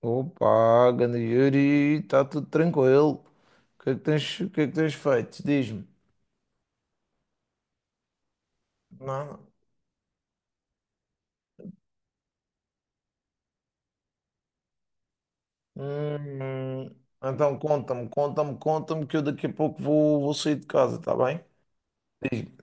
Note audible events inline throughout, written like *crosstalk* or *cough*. Opa, ganda Yuri, está tudo tranquilo. O que é que tens, o que é que tens feito? Diz-me. Nada. Hum, então conta-me, conta-me, conta-me que eu daqui a pouco vou sair de casa, está bem? Diz-me.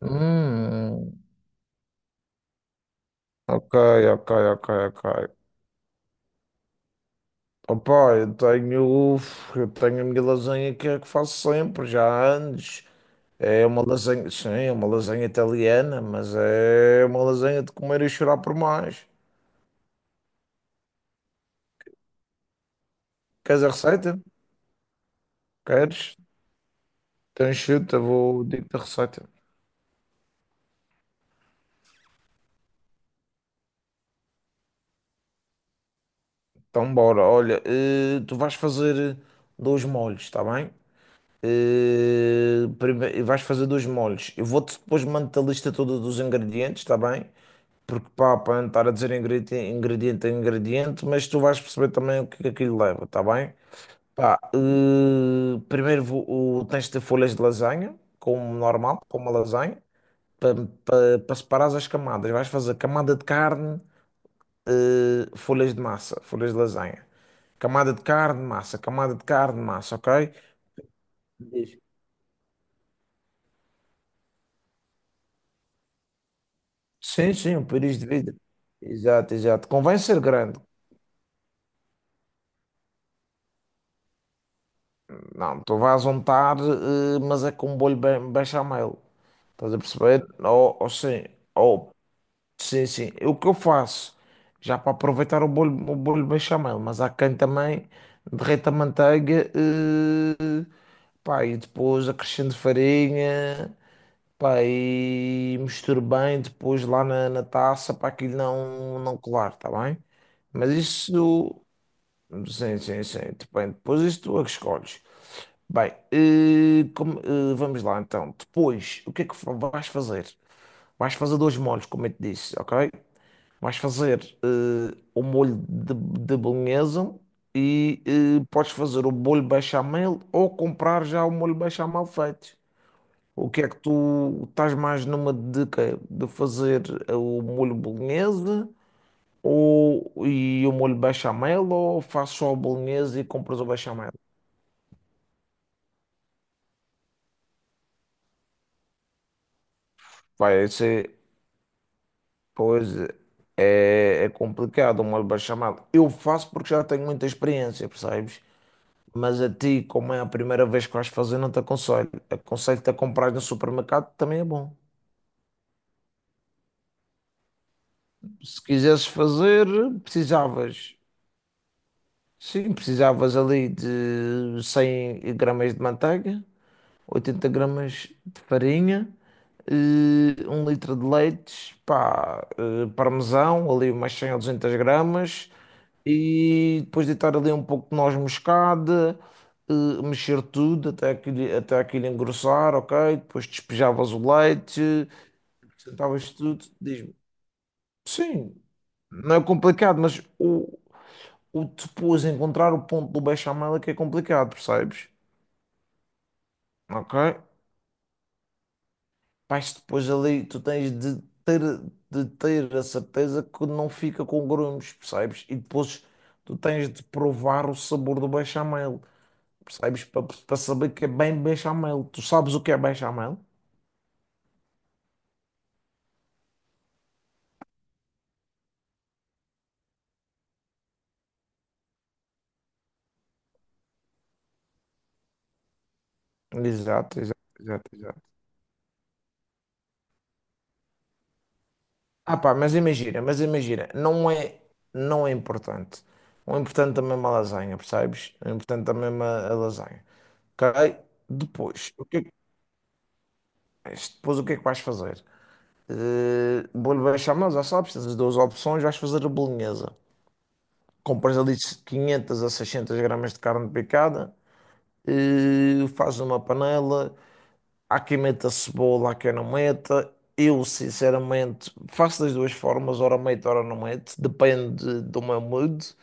Hum, ok, ok, ok, ok. Opa, eu tenho a minha lasanha que é a que faço sempre, já há anos. É uma lasanha, sim, é uma lasanha italiana, mas é uma lasanha de comer e chorar por mais. Queres a receita? Queres? Então, chuta, vou dizer-te a receita. Então, bora. Olha, tu vais fazer dois molhos, está bem? Vais fazer dois molhos. Eu vou-te depois mandar a lista toda dos ingredientes, está bem? Porque pá, para não estar a dizer ingrediente a ingrediente, mas tu vais perceber também o que é que aquilo leva, está bem? Pá, tens de ter folhas de lasanha, como normal, como uma lasanha, para separares as camadas. Vais fazer camada de carne. Folhas de massa, folhas de lasanha. Camada de carne, massa, camada de carne, massa, ok? Diz. Sim, sim, um pires de vidro. Exato, exato. Convém ser grande. Não, tu vais untar, mas é com um bolho bem, bem chamelo. Estás a perceber? Ou sim, ou sim, sim. O que eu faço, já para aproveitar o bolho bechamel, mas há quem também derreta a manteiga, pá, e depois acrescento farinha, pá, e misturo bem depois lá na taça para aquilo não colar, tá bem? Mas isso, sim, sim, sim, depende. Depois isso tu é que escolhes. Bem, vamos lá então. Depois, o que é que vais fazer? Vais fazer dois molhos, como eu te disse, ok? Vais fazer o molho de bolonhesa e podes fazer o molho bechamel ou comprar já o molho bechamel feito. O que é que tu estás mais numa de quê? De fazer o molho bolonhesa e o molho bechamel ou fazes só a bolonhesa e compras o bechamel? Vai ser, Pois é, é complicado o molho bechamel. Eu faço porque já tenho muita experiência, percebes? Mas a ti, como é a primeira vez que vais fazer, não te aconselho. Aconselho-te a comprar no supermercado, também é bom. Se quisesses fazer, precisavas. Sim, precisavas ali de 100 gramas de manteiga, 80 gramas de farinha, um litro de leite, pá, parmesão, ali umas 100 ou 200 gramas, e depois deitar ali um pouco de noz moscada, mexer tudo até aquilo engrossar, ok? Depois despejavas o leite, sentavas tudo, diz-me, sim, não é complicado, mas o depois encontrar o ponto do bechamel é que é complicado, percebes? Ok? Mas depois ali tu tens de ter a certeza que não fica com grumos, percebes? E depois tu tens de provar o sabor do bechamel, percebes? Para saber que é bem bechamel. Tu sabes o que é bechamel? Exato, exato, exato, exato. Ah pá, mas imagina, não é importante. O importante também é a lasanha, percebes? O importante também é a lasanha. Ok? Depois, o que é que, depois, o que é que vais fazer? Vou-lhe baixar, mas já sabes, tens as duas opções, vais fazer a bolonhesa. Compras ali 500 a 600 gramas de carne picada, fazes uma panela, há quem meta cebola, há quem não meta. Eu, sinceramente, faço das duas formas, ora meto, ora não meto, depende do meu mood.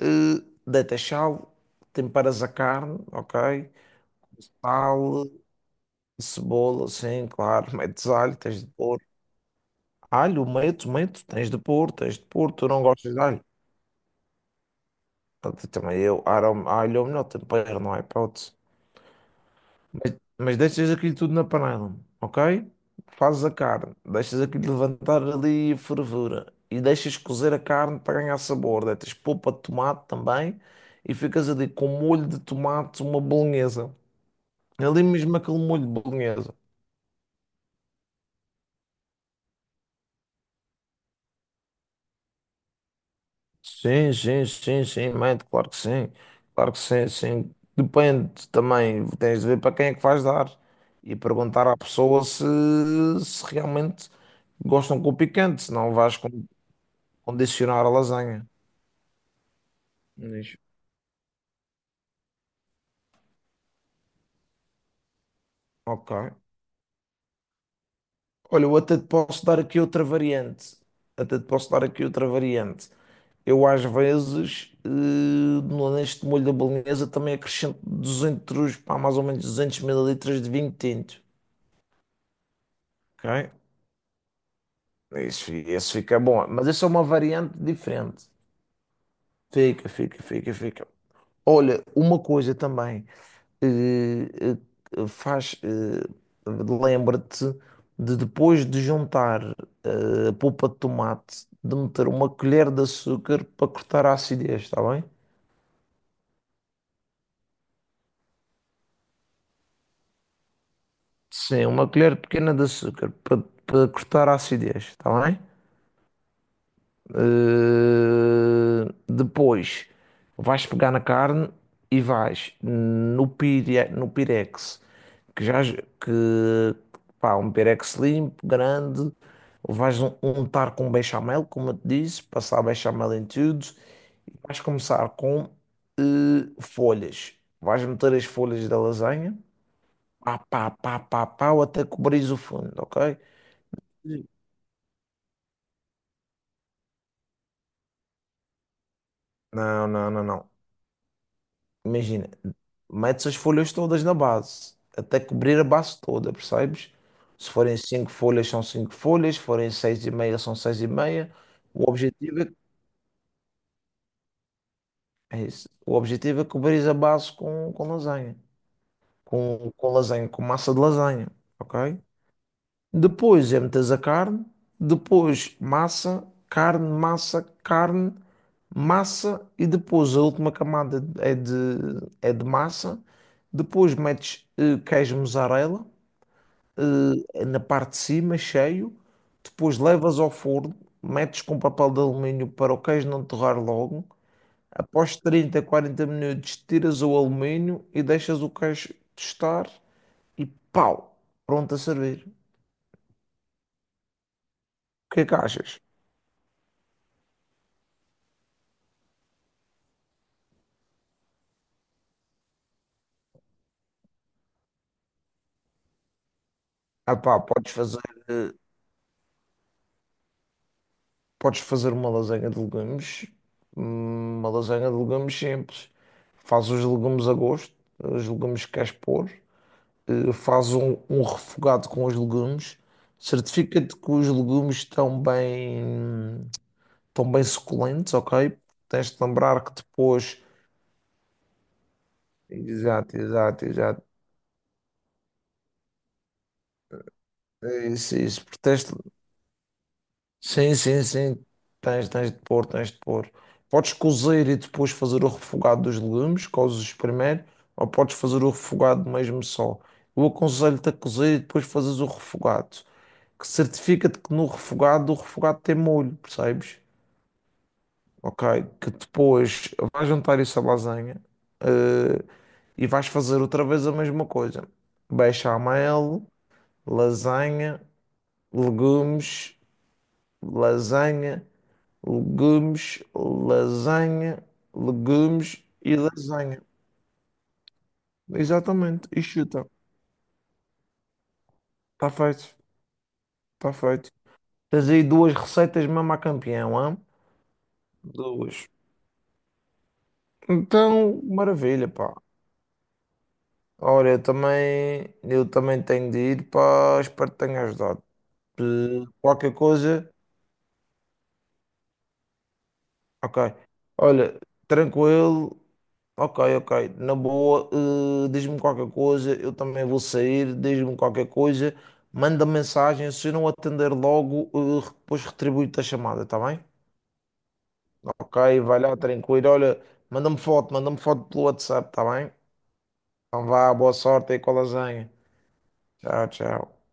Eh, Deitas sal, temperas a carne, ok? Sal, cebola, sim, claro, *laughs* metes alho, tens de pôr. Alho, meto, meto, tens de pôr, tu não gostas de alho. Também eu, alho alho é o melhor tempero, não há hipótese. Mas deixas aquilo tudo na panela, ok? Fazes a carne, deixas aquilo levantar ali a fervura e deixas cozer a carne para ganhar sabor. Deitas polpa de tomate também e ficas ali com molho de tomate, uma bolonhesa. Ali mesmo aquele molho de bolonhesa. Sim, sim, sim, sim, mate, claro que sim, sim. Depende também, tens de ver para quem é que vais dar e perguntar à pessoa se realmente gostam com o picante, se não vais condicionar a lasanha. Diz, ok. Olha, eu até te posso dar aqui outra variante. Até te posso dar aqui outra variante. Eu às vezes, neste molho da bolonhesa também acrescento 200, pá, mais ou menos 200 mililitros de vinho tinto. Ok. Isso, esse fica bom, mas essa é uma variante diferente. Fica, fica, fica, fica. Olha, uma coisa também, eh, eh, faz, eh, lembra-te de depois de juntar a polpa de tomate, de meter uma colher de açúcar para cortar a acidez, está bem? Sim, uma colher pequena de açúcar para cortar a acidez, está bem? Depois vais pegar na carne e vais no Pirex, que já que um Pirex limpo, grande, vais untar com bechamel, como eu te disse, passar bechamel em tudo, e vais começar com folhas. Vais meter as folhas da lasanha, até cobrir o fundo, ok? Sim. Não, não, não, não. Imagina, metes as folhas todas na base, até cobrir a base toda, percebes? Se forem cinco folhas, são cinco folhas, se forem seis e meia, são seis e meia. O objetivo é isso. O objetivo é cobrir a base com lasanha, com lasanha, com massa de lasanha, ok? Depois é metes a carne, depois massa, carne, massa, carne, massa e depois a última camada é de massa. Depois metes queijo mussarela na parte de cima, cheio. Depois levas ao forno, metes com papel de alumínio para o queijo não torrar logo. Após 30, 40 minutos, tiras o alumínio e deixas o queijo tostar e pau, pronto a servir. O que é que achas? Ah pá, eh, podes fazer uma lasanha de legumes, uma lasanha de legumes simples. Faz os legumes a gosto, os legumes que queres pôr, faz um, refogado com os legumes, certifica-te que os legumes estão bem suculentos, ok? Tens de lembrar que depois. Exato, exato, exato. É isso, é isso. Porque tens de. Sim, sim, sim. Tens de pôr, tens de pôr. Podes cozer e depois fazer o refogado dos legumes, cozes primeiro, ou podes fazer o refogado mesmo só. Eu aconselho-te a cozer e depois fazes o refogado. Que certifica-te que no refogado, o refogado tem molho, percebes? Ok? Que depois vais juntar isso à lasanha, eh, e vais fazer outra vez a mesma coisa. Bechamel, lasanha, legumes, lasanha. Legumes, lasanha, legumes e lasanha. Exatamente. E chuta. Está feito. Está feito. Tens aí duas receitas mesmo a campeão, hã? Duas. Então, maravilha, pá. Olha, eu também, tenho de ir, pá. Espero que tenha ajudado. Eh, Qualquer coisa, ok. Olha, tranquilo. Ok, ok. Na boa, diz-me qualquer coisa, eu também vou sair, diz-me qualquer coisa, manda mensagem, se eu não atender logo, depois retribuo-te a chamada, está bem? Ok, vai lá, tranquilo. Olha, manda-me foto pelo WhatsApp, está bem? Então vá, boa sorte aí com a lasanha. Tchau, tchau.